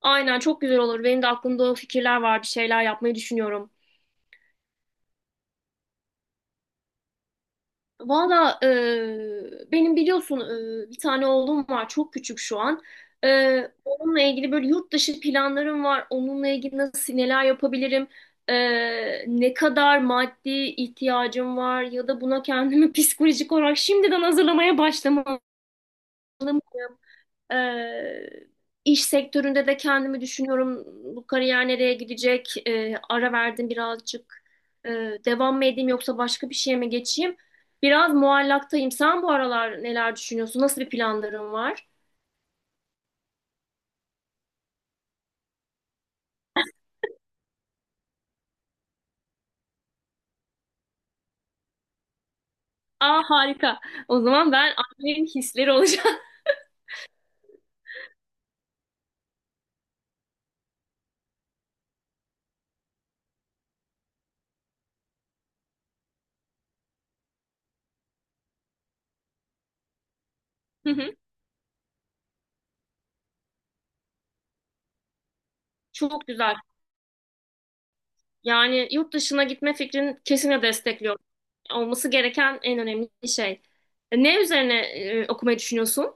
Aynen çok güzel olur. Benim de aklımda o fikirler var. Bir şeyler yapmayı düşünüyorum. Valla benim biliyorsun bir tane oğlum var. Çok küçük şu an. Onunla ilgili böyle yurt dışı planlarım var. Onunla ilgili nasıl neler yapabilirim? E, Ne kadar maddi ihtiyacım var ya da buna kendimi psikolojik olarak şimdiden hazırlamaya başlamalıyım. Ee, iş sektöründe de kendimi düşünüyorum. Bu kariyer nereye gidecek? Ara verdim birazcık. Devam mı edeyim yoksa başka bir şeye mi geçeyim? Biraz muallaktayım. Sen bu aralar neler düşünüyorsun? Nasıl bir planların var? Aa harika. O zaman ben annenin hisleri olacağım. Hı hı. Çok güzel. Yani yurt dışına gitme fikrini kesinlikle destekliyorum. Olması gereken en önemli şey. Ne üzerine okumayı düşünüyorsun?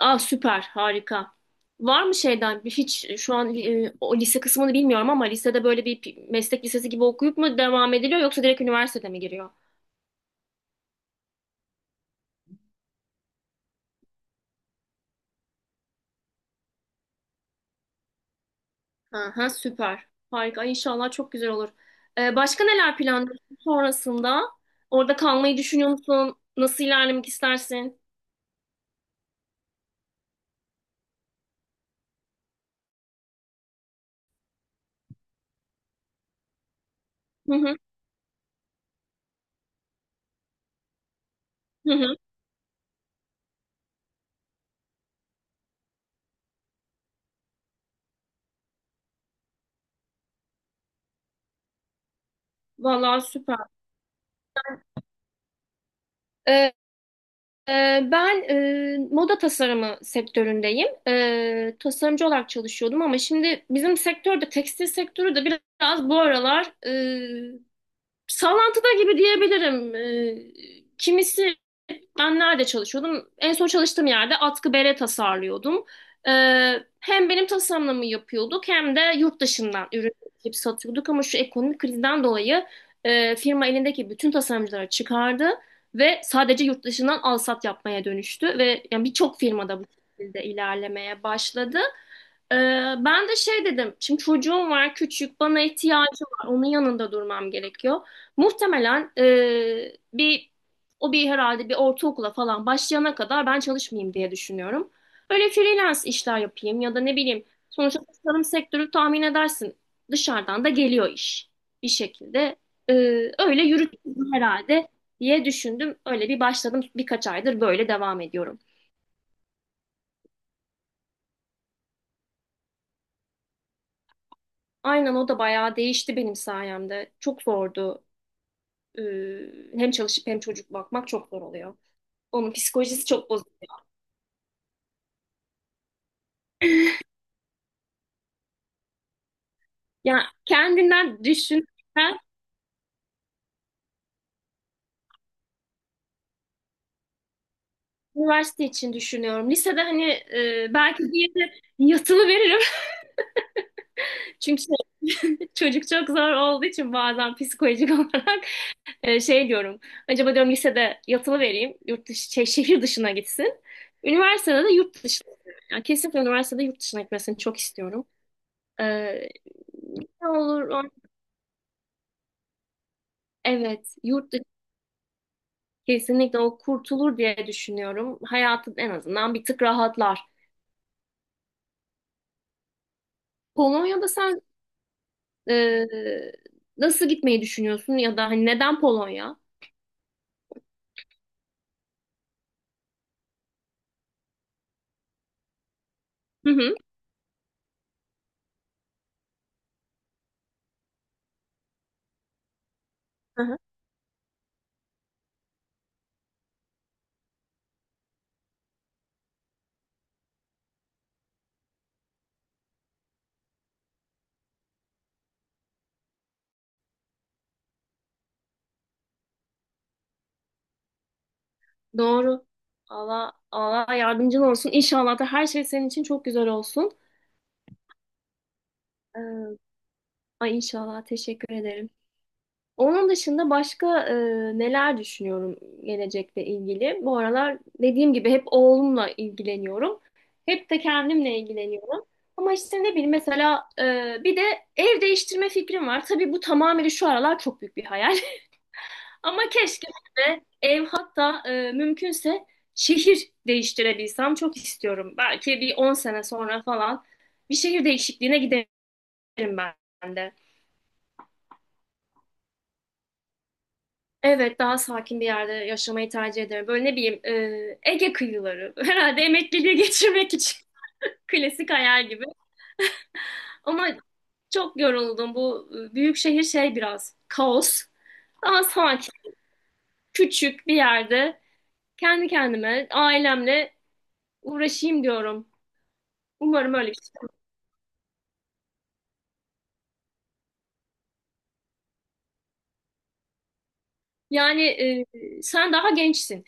Ah süper, harika. Var mı şeyden bir hiç şu an o lise kısmını bilmiyorum ama lisede böyle meslek lisesi gibi okuyup mu devam ediliyor yoksa direkt üniversitede mi giriyor? Aha süper. Harika. Ay, İnşallah çok güzel olur. Başka neler planlıyorsun sonrasında? Orada kalmayı düşünüyor musun? Nasıl ilerlemek istersin? Hı hı. Hı hı. Vallahi süper. Ben moda tasarımı sektöründeyim. Tasarımcı olarak çalışıyordum ama şimdi bizim sektörde tekstil sektörü de biraz bu aralar sallantıda gibi diyebilirim. Kimisi ben nerede çalışıyordum? En son çalıştığım yerde atkı bere tasarlıyordum. Ee, Hem benim tasarımımı yapıyorduk hem de yurt dışından ürün getirip satıyorduk. Ama şu ekonomik krizden dolayı firma elindeki bütün tasarımcıları çıkardı ve sadece yurt dışından alsat yapmaya dönüştü ve yani birçok firmada bu şekilde ilerlemeye başladı. Ee, Ben de şey dedim. Şimdi çocuğum var küçük bana ihtiyacı var. Onun yanında durmam gerekiyor. Muhtemelen bir o bir herhalde bir ortaokula falan başlayana kadar ben çalışmayayım diye düşünüyorum. Böyle freelance işler yapayım ya da ne bileyim. Sonuçta tasarım sektörü tahmin edersin. Dışarıdan da geliyor iş bir şekilde. Ee, Öyle yürütürüm herhalde diye düşündüm. Öyle bir başladım birkaç aydır böyle devam ediyorum. Aynen o da bayağı değişti benim sayemde. Çok zordu. e, Hem çalışıp hem çocuk bakmak çok zor oluyor. Onun psikolojisi çok bozuk. Yani kendinden düşün. Ben üniversite için düşünüyorum. Lisede hani belki bir yere yatılı veririm. Çünkü şey, çocuk çok zor olduğu için bazen psikolojik olarak şey diyorum. Acaba diyorum lisede yatılı vereyim. Yurt dışı, şey, şehir dışına gitsin. Üniversitede de yurt dışına. Yani kesinlikle üniversitede yurt dışına gitmesini çok istiyorum. E, Ne olur? Evet. Yurt dışı. Kesinlikle o kurtulur diye düşünüyorum. Hayatı en azından bir tık rahatlar. Polonya'da sen e, nasıl gitmeyi düşünüyorsun ya da hani neden Polonya? Hı hı. Hı hı. Doğru. Allah Allah yardımcın olsun. İnşallah da her şey senin için çok güzel olsun. Ee, Ay inşallah. Teşekkür ederim. Onun dışında başka neler düşünüyorum gelecekle ilgili. Bu aralar dediğim gibi hep oğlumla ilgileniyorum. Hep de kendimle ilgileniyorum. Ama işte ne bileyim mesela bir de ev değiştirme fikrim var. Tabii bu tamamen şu aralar çok büyük bir hayal. Ama keşke de ev hatta mümkünse şehir değiştirebilsem çok istiyorum. Belki bir 10 sene sonra falan bir şehir değişikliğine giderim ben de. Evet, daha sakin bir yerde yaşamayı tercih ederim. Böyle ne bileyim, Ege kıyıları. Herhalde emekliliği geçirmek için klasik hayal gibi. Ama çok yoruldum. Bu büyük şehir şey biraz kaos. Daha sakin, küçük bir yerde kendi kendime, ailemle uğraşayım diyorum. Umarım öyle bir şey. Yani sen daha gençsin.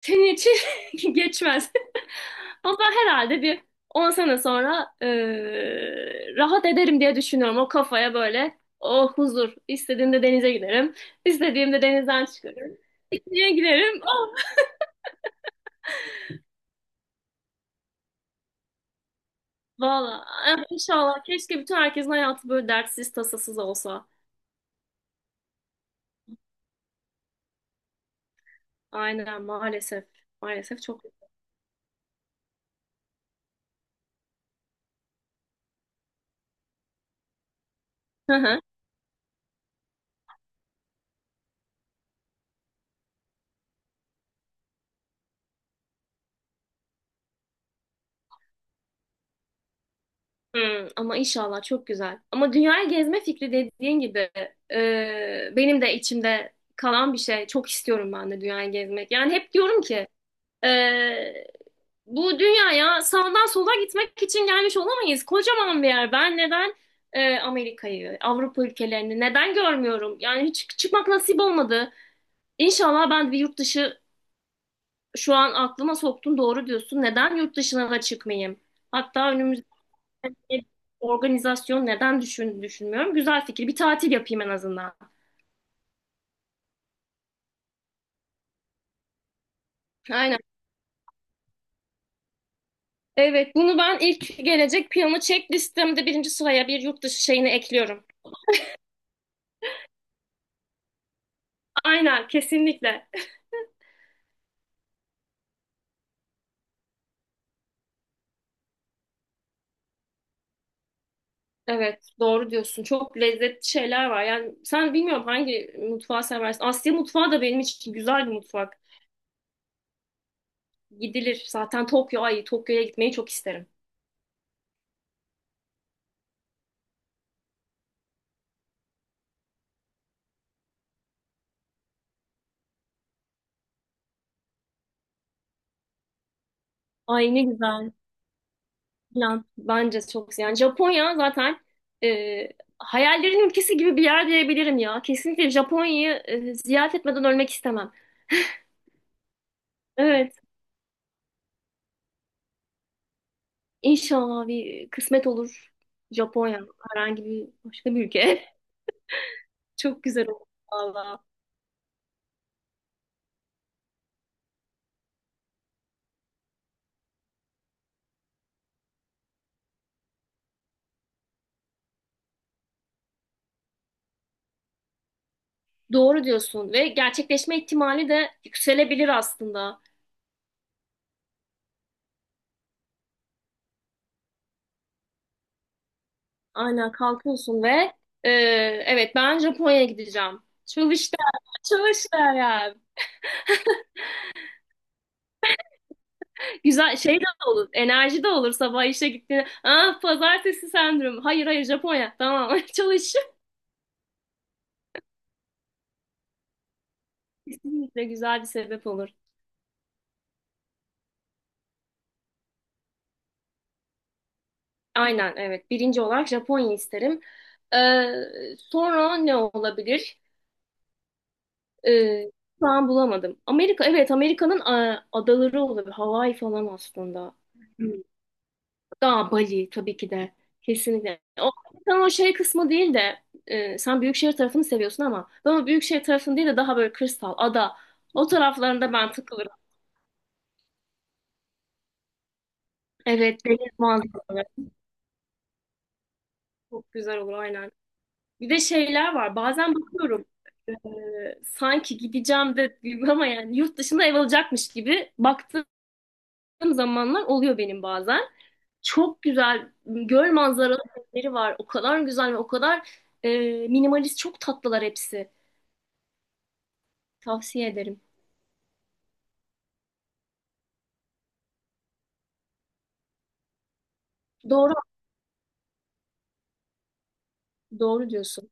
Senin için geçmez. O da herhalde bir 10 sene sonra rahat ederim diye düşünüyorum. O kafaya böyle o huzur. İstediğimde denize giderim. İstediğimde denizden çıkarım. Pikniğe giderim. Oh, valla inşallah. Keşke bütün herkesin hayatı böyle dertsiz tasasız olsa. Aynen maalesef. Maalesef çok. Hmm, ama inşallah çok güzel. Ama dünyayı gezme fikri dediğin gibi benim de içimde kalan bir şey. Çok istiyorum ben de dünyayı gezmek. Yani hep diyorum ki e, bu dünyaya sağdan sola gitmek için gelmiş olamayız. Kocaman bir yer. Ben neden Amerika'yı, Avrupa ülkelerini neden görmüyorum? Yani hiç çıkmak nasip olmadı. İnşallah ben de bir yurt dışı şu an aklıma soktun doğru diyorsun. Neden yurt dışına da çıkmayayım? Hatta önümüz e, organizasyon neden düşünmüyorum. Güzel fikir. Bir tatil yapayım en azından. Aynen. Evet, bunu ben ilk gelecek planı check listemde birinci sıraya bir yurt dışı şeyini ekliyorum. Aynen, kesinlikle. Evet, doğru diyorsun. Çok lezzetli şeyler var. Yani sen bilmiyorum hangi mutfağı seversin. Asya mutfağı da benim için güzel bir mutfak. Gidilir. Zaten Tokyo, ay Tokyo'ya gitmeyi çok isterim. Ay ne güzel. Finland bence çok yani Japonya zaten e, hayallerin ülkesi gibi bir yer diyebilirim ya. Kesinlikle Japonya'yı ziyaret etmeden ölmek istemem. Evet, inşallah bir kısmet olur Japonya herhangi bir başka bir ülke. Çok güzel olur valla. Doğru diyorsun ve gerçekleşme ihtimali de yükselebilir aslında. Aynen kalkıyorsun ve e, evet ben Japonya'ya gideceğim. Çalışlar, çalışlar ya. Güzel şey de olur. Enerji de olur sabah işe gittiğinde. Ah pazartesi sendromu. Hayır hayır Japonya. Tamam çalış. Kesinlikle güzel bir sebep olur. Aynen evet. Birinci olarak Japonya isterim. Ee, Sonra ne olabilir? Ee, Şu an bulamadım. Amerika evet Amerika'nın adaları olabilir. Hawaii falan aslında. Daha Bali tabii ki de. Kesinlikle. O, sen o şey kısmı değil de sen büyükşehir tarafını seviyorsun ama ben o büyükşehir tarafını değil de daha böyle kırsal, ada. O taraflarında ben takılırım. Evet, deniz manzaraları çok güzel olur aynen. Bir de şeyler var. Bazen bakıyorum e, sanki gideceğim de ama yani yurt dışında ev alacakmış gibi baktığım zamanlar oluyor benim bazen. Çok güzel göl manzaralı evleri var. O kadar güzel ve o kadar e, minimalist çok tatlılar hepsi. Tavsiye ederim. Doğru, doğru diyorsun.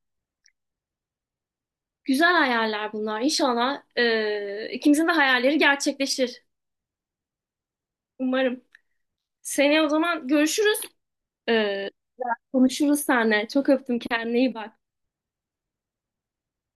Güzel hayaller bunlar. İnşallah ikimizin de hayalleri gerçekleşir. Umarım. Seneye o zaman görüşürüz. E, Konuşuruz seninle. Çok öptüm. Kendine iyi bak.